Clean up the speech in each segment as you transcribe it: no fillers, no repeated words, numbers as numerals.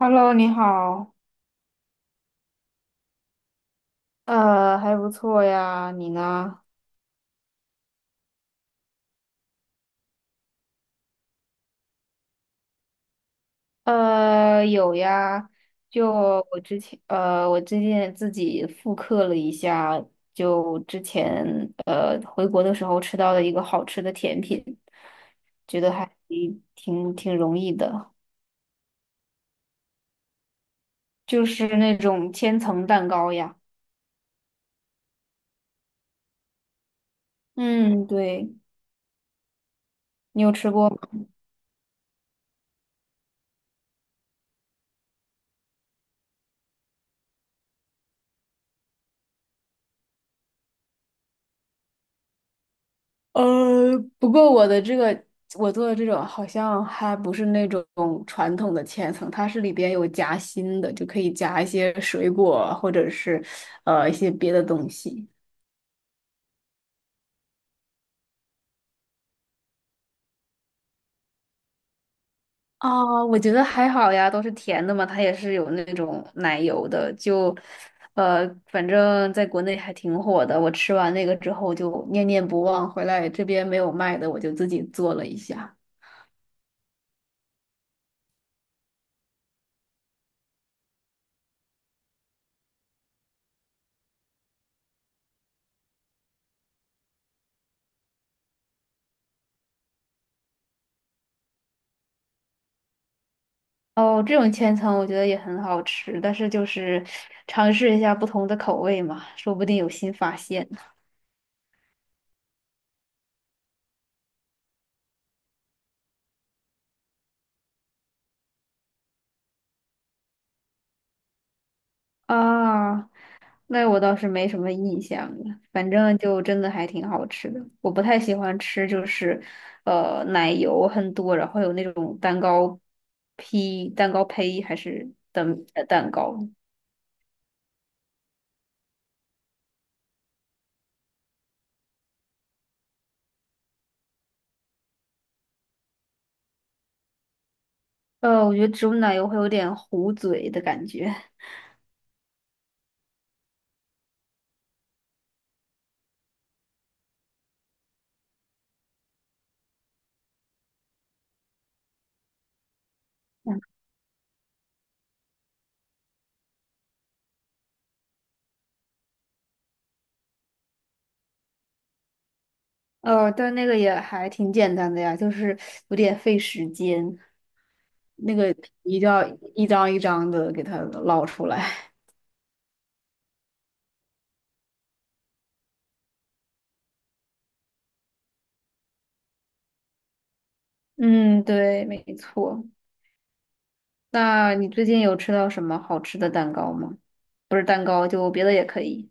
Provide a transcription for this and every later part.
Hello，你好，还不错呀，你呢？有呀，就我之前，我最近自己复刻了一下，就之前回国的时候吃到的一个好吃的甜品，觉得还挺容易的，就是那种千层蛋糕呀。嗯，对，你有吃过？不过我的这个我做的这种好像还不是那种传统的千层，它是里边有夹心的，就可以夹一些水果或者是一些别的东西。啊。我觉得还好呀，都是甜的嘛，它也是有那种奶油的，就反正在国内还挺火的。我吃完那个之后就念念不忘，回来这边没有卖的，我就自己做了一下。哦，这种千层我觉得也很好吃，但是就是尝试一下不同的口味嘛，说不定有新发现呢。啊，那我倒是没什么印象了，反正就真的还挺好吃的。我不太喜欢吃，就是奶油很多，然后有那种蛋糕胚还是蛋糕。我觉得植物奶油会有点糊嘴的感觉。但那个也还挺简单的呀，就是有点费时间。那个皮就要一张一张的给它捞出来。嗯，对，没错。那你最近有吃到什么好吃的蛋糕吗？不是蛋糕，就别的也可以。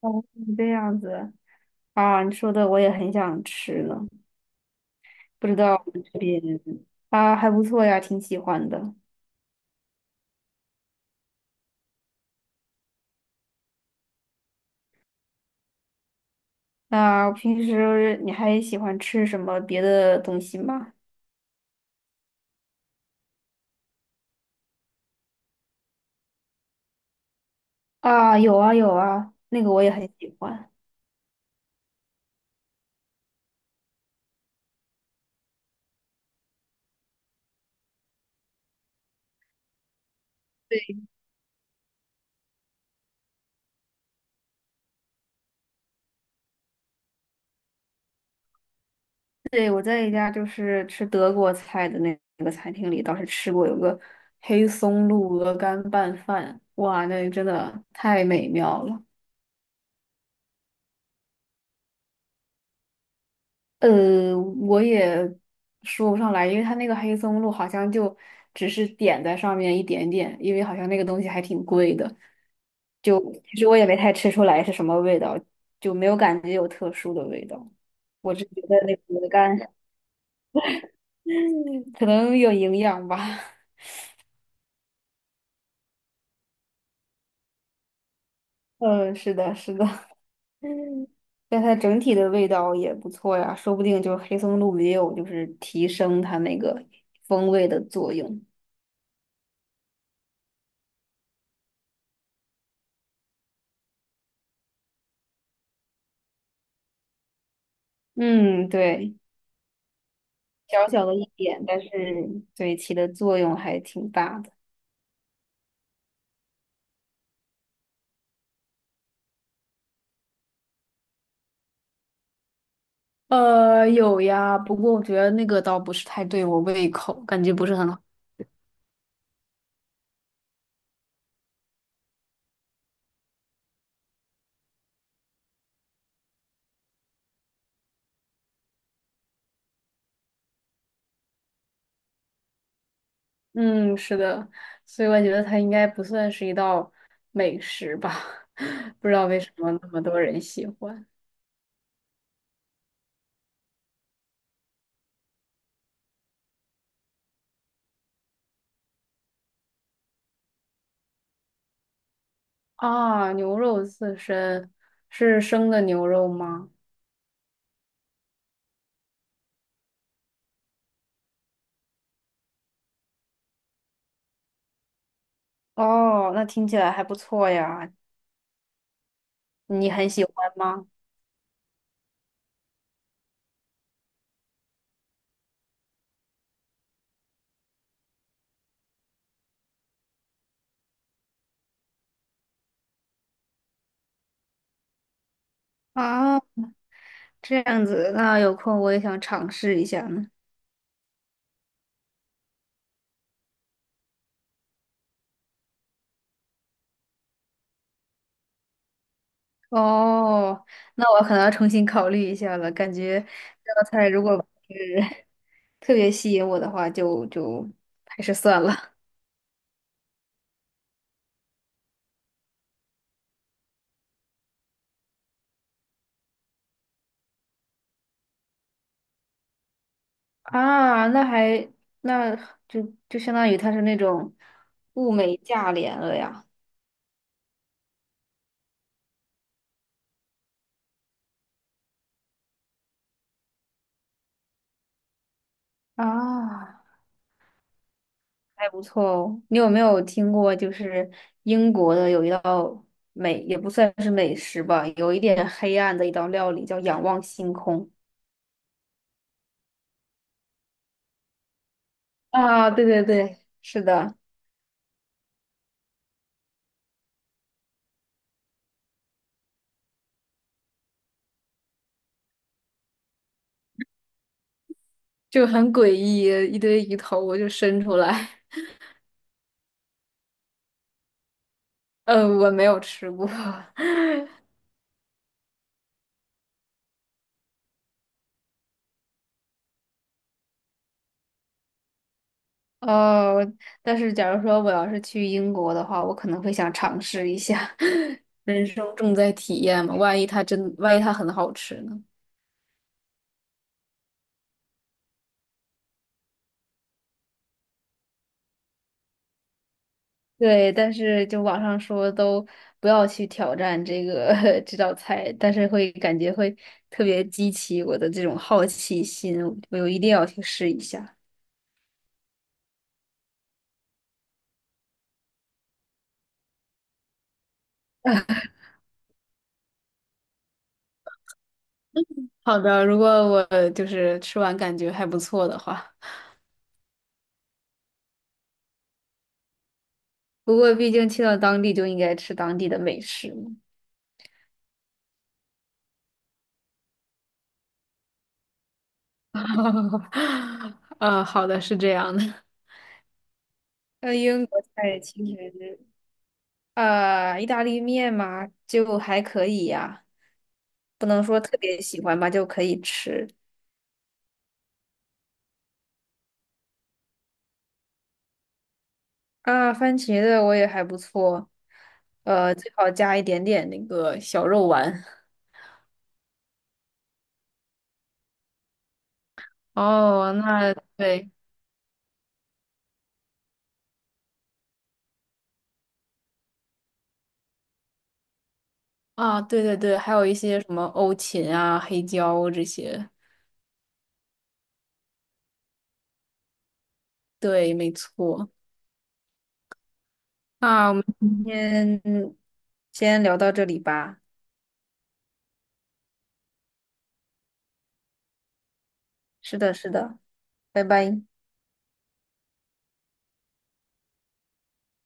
哦，这样子啊，你说的我也很想吃呢，不知道我们这边。啊，还不错呀，挺喜欢的。那平时你还喜欢吃什么别的东西吗？啊，有啊有啊，那个我也很喜欢。对。对，我在一家就是吃德国菜的那个餐厅里，倒是吃过有个黑松露鹅肝拌饭，哇，那真的太美妙了。我也说不上来，因为它那个黑松露好像就只是点在上面一点点，因为好像那个东西还挺贵的，就其实我也没太吃出来是什么味道，就没有感觉有特殊的味道。我只觉得那个鹅肝 可能有营养吧。嗯，是的，是的。嗯，但它整体的味道也不错呀，说不定就是黑松露也有就是提升它那个风味的作用。嗯，对，小小的一点，但是对起的作用还挺大的。有呀，不过我觉得那个倒不是太对我胃口，感觉不是很好。嗯，是的，所以我觉得它应该不算是一道美食吧，不知道为什么那么多人喜欢。啊，牛肉刺身是生的牛肉吗？哦，那听起来还不错呀。你很喜欢吗？啊，这样子，那有空我也想尝试一下呢。哦，那我可能要重新考虑一下了，感觉这道菜如果不是 特别吸引我的话，就还是算了。啊，那就相当于它是那种物美价廉了呀。啊。还不错哦。你有没有听过，就是英国的有一道美，也不算是美食吧，有一点黑暗的一道料理叫仰望星空。啊，对对对，是的，就很诡异，一堆鱼头就伸出来。我没有吃过。哦，但是假如说我要是去英国的话，我可能会想尝试一下。人生重在体验嘛，万一它很好吃呢？对，但是就网上说都不要去挑战这个 这道菜，但是会感觉会特别激起我的这种好奇心，我一定要去试一下。好的，如果我就是吃完感觉还不错的话，不过毕竟去到当地就应该吃当地的美食嘛。啊，好的，是这样的。那英国菜其实，意大利面嘛，就还可以呀、不能说特别喜欢吧，就可以吃。啊，番茄的我也还不错，最好加一点点那个小肉丸。哦，那对啊，对对对，还有一些什么欧芹啊、黑椒这些。对，没错。那我们今天先聊到这里吧。是的，是的，拜拜。